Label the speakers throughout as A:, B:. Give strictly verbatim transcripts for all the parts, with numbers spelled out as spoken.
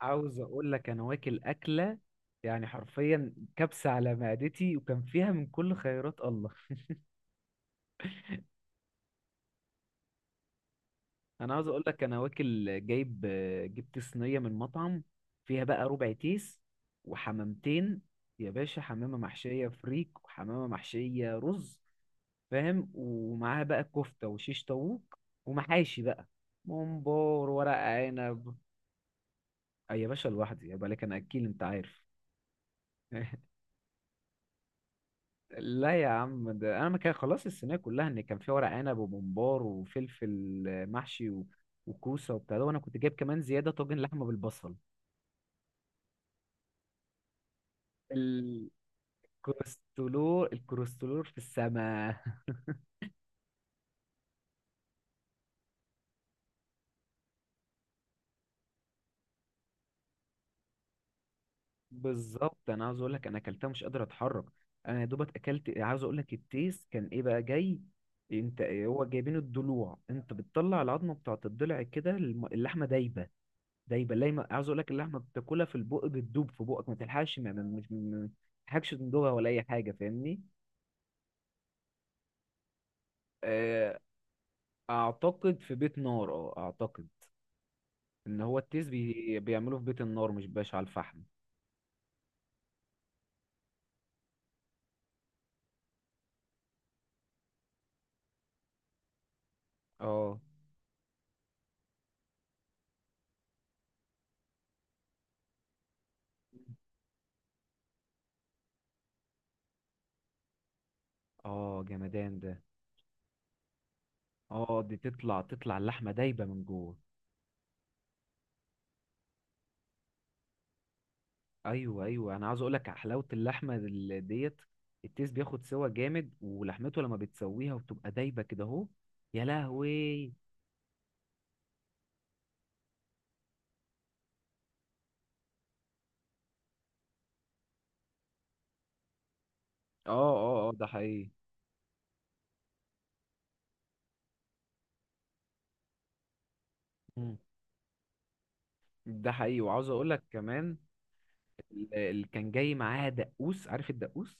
A: عاوز اقول لك انا واكل اكله، يعني حرفيا كبسه على معدتي، وكان فيها من كل خيرات الله. انا عاوز اقول لك انا واكل جايب. جبت صينيه من مطعم، فيها بقى ربع تيس وحمامتين، يا باشا. حمامه محشيه فريك وحمامه محشيه رز، فاهم؟ ومعاها بقى كفته وشيش طاووق، ومحاشي بقى، ممبار، ورق عنب. أي يا باشا، لوحدي، يبقى لك انا اكيل، انت عارف. لا يا عم، ده انا ما كان خلاص الصينيه كلها، ان كان فيها ورق عنب وممبار وفلفل، آه، محشي و... وكوسه وبتاع ده، وانا كنت جايب كمان زياده طاجن لحمه بالبصل. الكوليسترول الكوليسترول في السماء. بالظبط، انا عاوز اقول لك انا اكلتها مش قادر اتحرك. انا يا دوبك اكلت، عاوز اقول لك التيس كان ايه بقى جاي. انت هو جايبين الضلوع، انت بتطلع العظمه بتاعت الضلع كده، الم- اللحمه دايبه. دايما دايما، عاوز اقول لك اللحمه بتاكلها في البق بتدوب في بقك، ما تلحقش ما ما- مش ما تلحقش تندوبها ولا اي حاجه، فاهمني؟ آه، اعتقد في بيت نار، اه اعتقد ان هو التيس بي... بيعملوه في بيت النار، مش باش على الفحم. اه. اه جمدان ده. اه، دي تطلع تطلع اللحمه دايبه من جوه. ايوه، ايوه، انا عاوز اقول لك حلاوه اللحمه دل- ديت. التيس بياخد سوا جامد، ولحمته لما بتسويها وبتبقى دايبه كده اهو. يا لهوي. اه، اه، اه، ده حقيقي. ده حقيقي، وعاوز اقول لك كمان ال- اللي كان جاي معاها دقوس، عارف الدقوس؟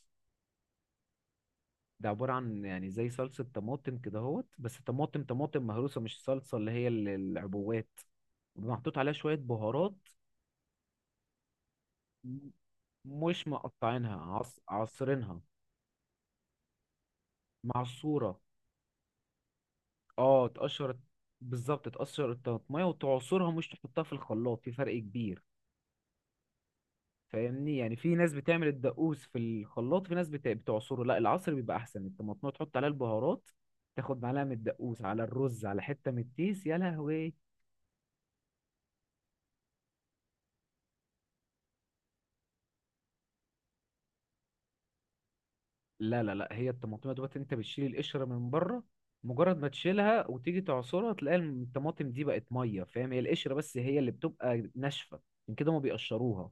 A: ده عبارة عن يعني زي صلصة طماطم كده اهوت، بس طماطم طماطم مهروسة، مش صلصة اللي هي ال- العبوات، محطوط عليها شوية بهارات. م- مش مقطعينها عص... عصرينها. معصورة. اه، تقشر. بالظبط، تقشر الطماطمية وتعصرها، مش تحطها في الخلاط، في فرق كبير. فاهمني؟ يعني في ناس بتعمل الدقوس في الخلاط، في ناس بت- بتعصره، لا، العصر بيبقى احسن، الطماطم تحط عليها البهارات، تاخد معلقه من الدقوس على الرز على حته من التيس، يا لهوي. لا، لا، لا، هي الطماطم دوت انت بتشيل القشره من بره، مجرد ما تشيلها وتيجي تعصرها تلاقي الطماطم دي بقت ميه، فاهم؟ هي القشره بس هي اللي بتبقى ناشفه، من كده ما بيقشروها.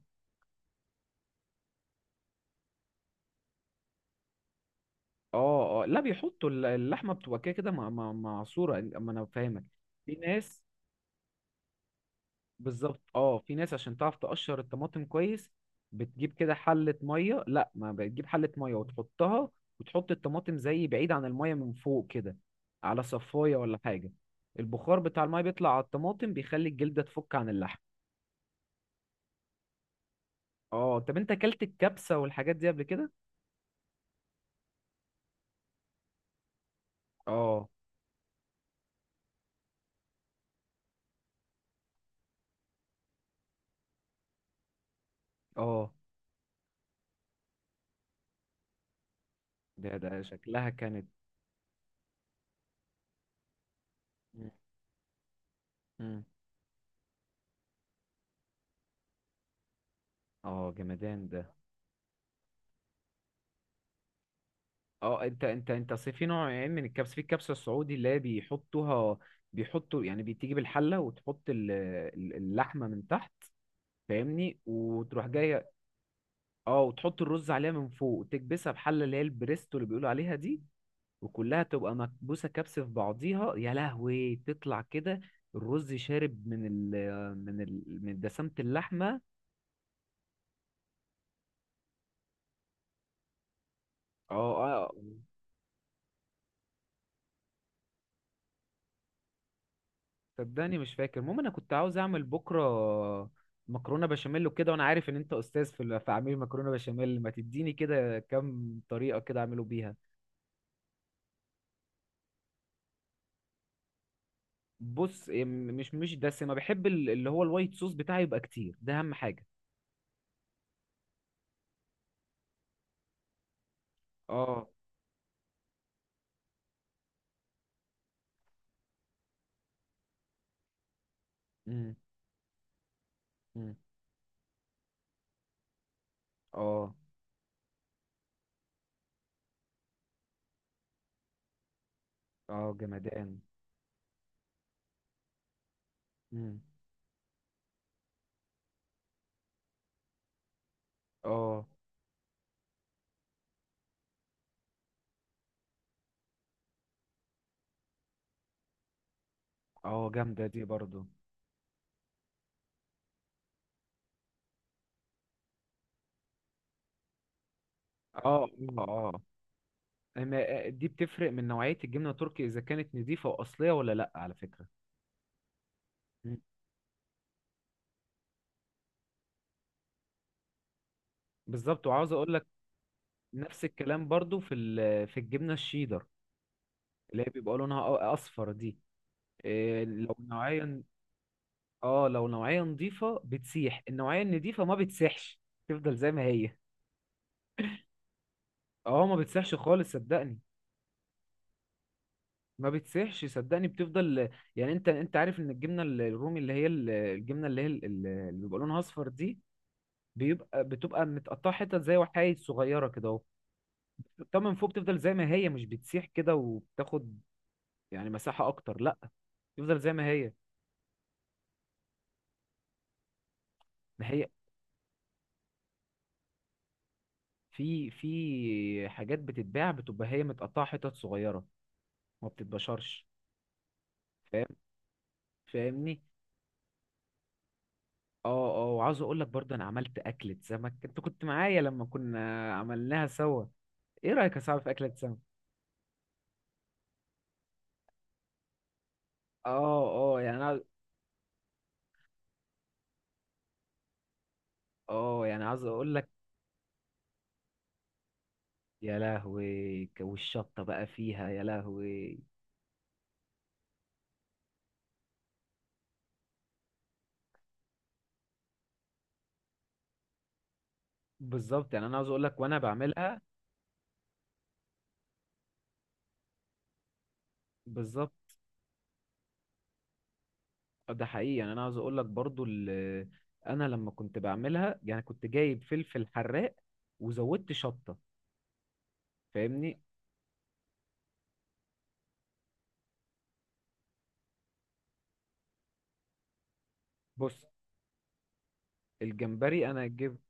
A: اه، اه، لا بيحطوا ال- اللحمه بتبقى كده كده مع- مع- معصوره، اما انا فاهمك. في ناس. بالظبط، اه، في ناس عشان تعرف تقشر الطماطم كويس بتجيب كده حلة مية، لا ما بتجيب حلة مية وتحطها، وتحط الطماطم زي بعيد عن المية من فوق كده، على صفاية ولا حاجة. البخار بتاع المية بيطلع على الطماطم بيخلي الجلدة تفك عن اللحم. اه طب، انت اكلت الكبسة والحاجات دي قبل كده؟ اه. اه، ده ده شكلها كانت. مم. مم. اه جمدان ده. اه، انت انت انت أصل في نوعين من الكبسه، في الكبسه السعودي اللي هي بيحطوها، بيحطوا يعني بتيجي بالحله وتحط ال- ال- اللحمه من تحت، فاهمني؟ وتروح جايه. اه، وتحط الرز عليها من فوق وتكبسها بحله اللي هي البريستو اللي بيقولوا عليها دي، وكلها تبقى مكبوسه كبسه في بعضيها، يا لهوي، تطلع كده الرز شارب من ال من ال من دسامه اللحمه. اه، اه. صدقني مش فاكر، المهم انا كنت عاوز اعمل بكره مكرونه بشاميل وكده، وانا عارف ان انت استاذ في ال- في عميل مكرونه بشاميل، ما تديني كده كام طريقه كده اعمله بيها. بص إيه، م- مش مش دسمه، بحب ال- اللي هو الوايت صوص بتاعي يبقى كتير، ده اهم حاجه. اه. امم امم اه، اه جمدان. امم اه، اه جامده دي برضو. اه. اه، آه. أما دي بتفرق من نوعيه الجبنه التركي، اذا كانت نظيفه واصليه ولا لا، على فكره. مم. بالظبط، وعاوز اقول نفس الكلام برضو في ال- في الجبنه الشيدر اللي هي بيبقى لونها أ- اصفر دي. إيه، لو نوعيه، اه، لو نوعيه نظيفه بتسيح، النوعيه النضيفه ما بتسيحش، تفضل زي ما هي. اه، ما بتسيحش خالص، صدقني. ما بتسيحش، صدقني، بتفضل. يعني انت، انت عارف ان الجبنه ال- الرومي اللي هي ال- الجبنه اللي هي ال- ال- اللي بيبقى لونها اصفر دي، بيبقى بتبقى متقطعه حتت زي وحايد صغيره كده اهو، بتحطها من فوق بتفضل زي ما هي، مش بتسيح كده وبتاخد يعني مساحه اكتر، لا، تفضل زي ما هي. ما هي في في حاجات بتتباع بتبقى هي متقطعة حتت صغيرة، ما بتتبشرش، فاهم؟ فاهمني؟ اه. اه، وعاوز اقول لك برضه انا عملت اكلة سمك، انت كنت معايا لما كنا عملناها سوا. ايه رأيك يا صاحبي في اكلة سمك؟ اه، اه، يعني انا، اه يعني عاوز اقول لك. يا لهوي، ك- والشطة بقى فيها، يا لهوي. بالظبط، يعني انا عاوز اقول لك وانا بعملها. بالظبط. ده حقيقي، يعني انا عاوز اقول لك برضو ال- انا لما كنت بعملها، يعني كنت جايب فلفل حراق، وزودت شطه، فاهمني. بص، الجمبري انا جبت،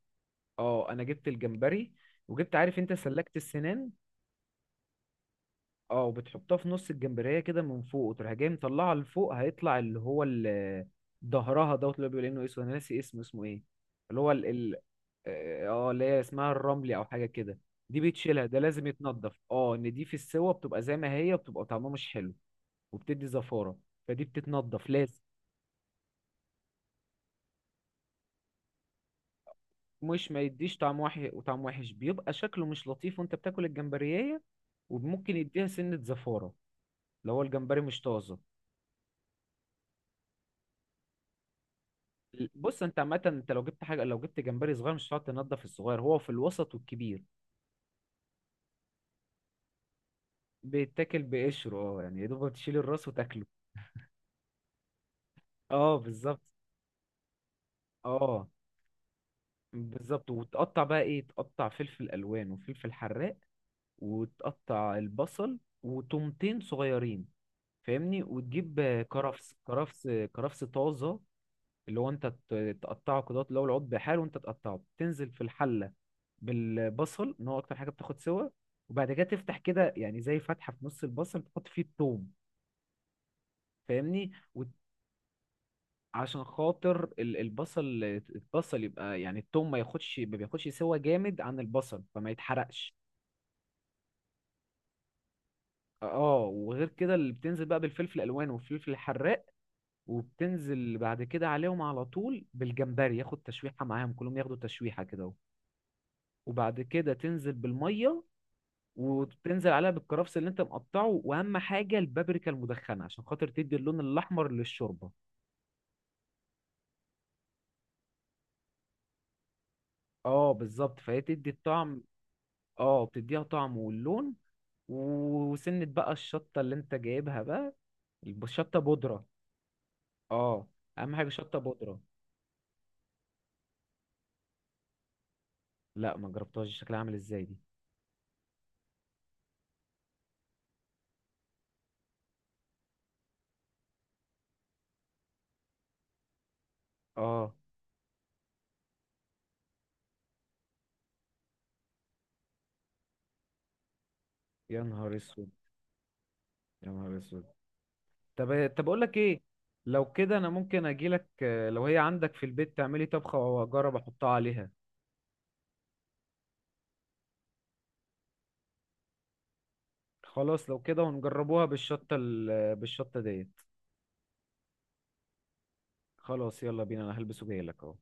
A: اه، انا جبت الجمبري، وجبت عارف انت سلكت السنان، اه، وبتحطها في نص الجمبريه كده من فوق وتروح جاي مطلعها لفوق هيطلع اللي هو ال- ظهرها دوت، اللي هو بيقول انه اسود، انا ناسي اسمه اسمه ايه، اللي هو ال ال- اه، آه، اللي هي اسمها الرملي او حاجه كده. دي بتشيلها، ده لازم يتنضف، اه، ان دي في السوا بتبقى زي ما هي، بتبقى طعمها مش حلو وبتدي زفارة، فدي بتتنضف لازم. مش، ما يديش طعم وحش، وطعم وحش بيبقى شكله مش لطيف وانت بتاكل الجمبرية، وممكن يديها سنة زفارة لو هو الجمبري مش طازة. ال- بص، انت عامة انت لو جبت حاجة، لو جبت جمبري صغير مش هتقعد تنضف، الصغير هو في الوسط والكبير بيتاكل بقشره، اه، يعني يا دوب تشيل الراس وتاكله. اه، بالظبط. اه، بالظبط، وتقطع بقى ايه، تقطع فلفل الوان وفلفل حراق، وتقطع البصل وتومتين صغيرين، فاهمني. وتجيب آه، كرفس كرفس كرفس طازه، اللي هو انت ت- تقطعه كده، اللي هو العود بحاله، وانت تقطعه تنزل في الحله بالبصل، ان هو اكتر حاجه بتاخد سوا. وبعد كده تفتح كده يعني زي فتحه في نص البصل تحط فيه التوم، فاهمني؟ وت- عشان خاطر ال- البصل، البصل يبقى يعني التوم ما ياخدش ما بياخدش سوا جامد عن البصل، فما يتحرقش. اه، وغير كده اللي بتنزل بقى بالفلفل الالوان والفلفل الحراق، وبتنزل بعد كده عليهم على طول بالجمبري ياخد تشويحة معاهم، كلهم ياخدوا تشويحة كده اهو. وبعد كده تنزل بالمية، وتنزل عليها بالكرفس اللي انت مقطعه، واهم حاجة البابريكا المدخنة، عشان خاطر تدي اللون الاحمر للشوربة. اه، بالظبط، فهي تدي الطعم. اه، بتديها طعم واللون. وسنة بقى الشطة اللي انت جايبها بقى، الشطة بودرة. اه، اهم حاجة شطة بودرة. لا، ما جربتهاش، شكلها عامل ازاي دي؟ اه. يا نهار اسود. يا نهار اسود. طب طب اقول لك ايه، لو كده انا ممكن اجي لك، آه، لو هي عندك في البيت تعملي طبخه واجرب احطها عليها. خلاص، لو كده ونجربوها بالشطه ال- آه، بالشطه ديت. خلاص يلا بينا، انا هلبس وجاي لك اهو.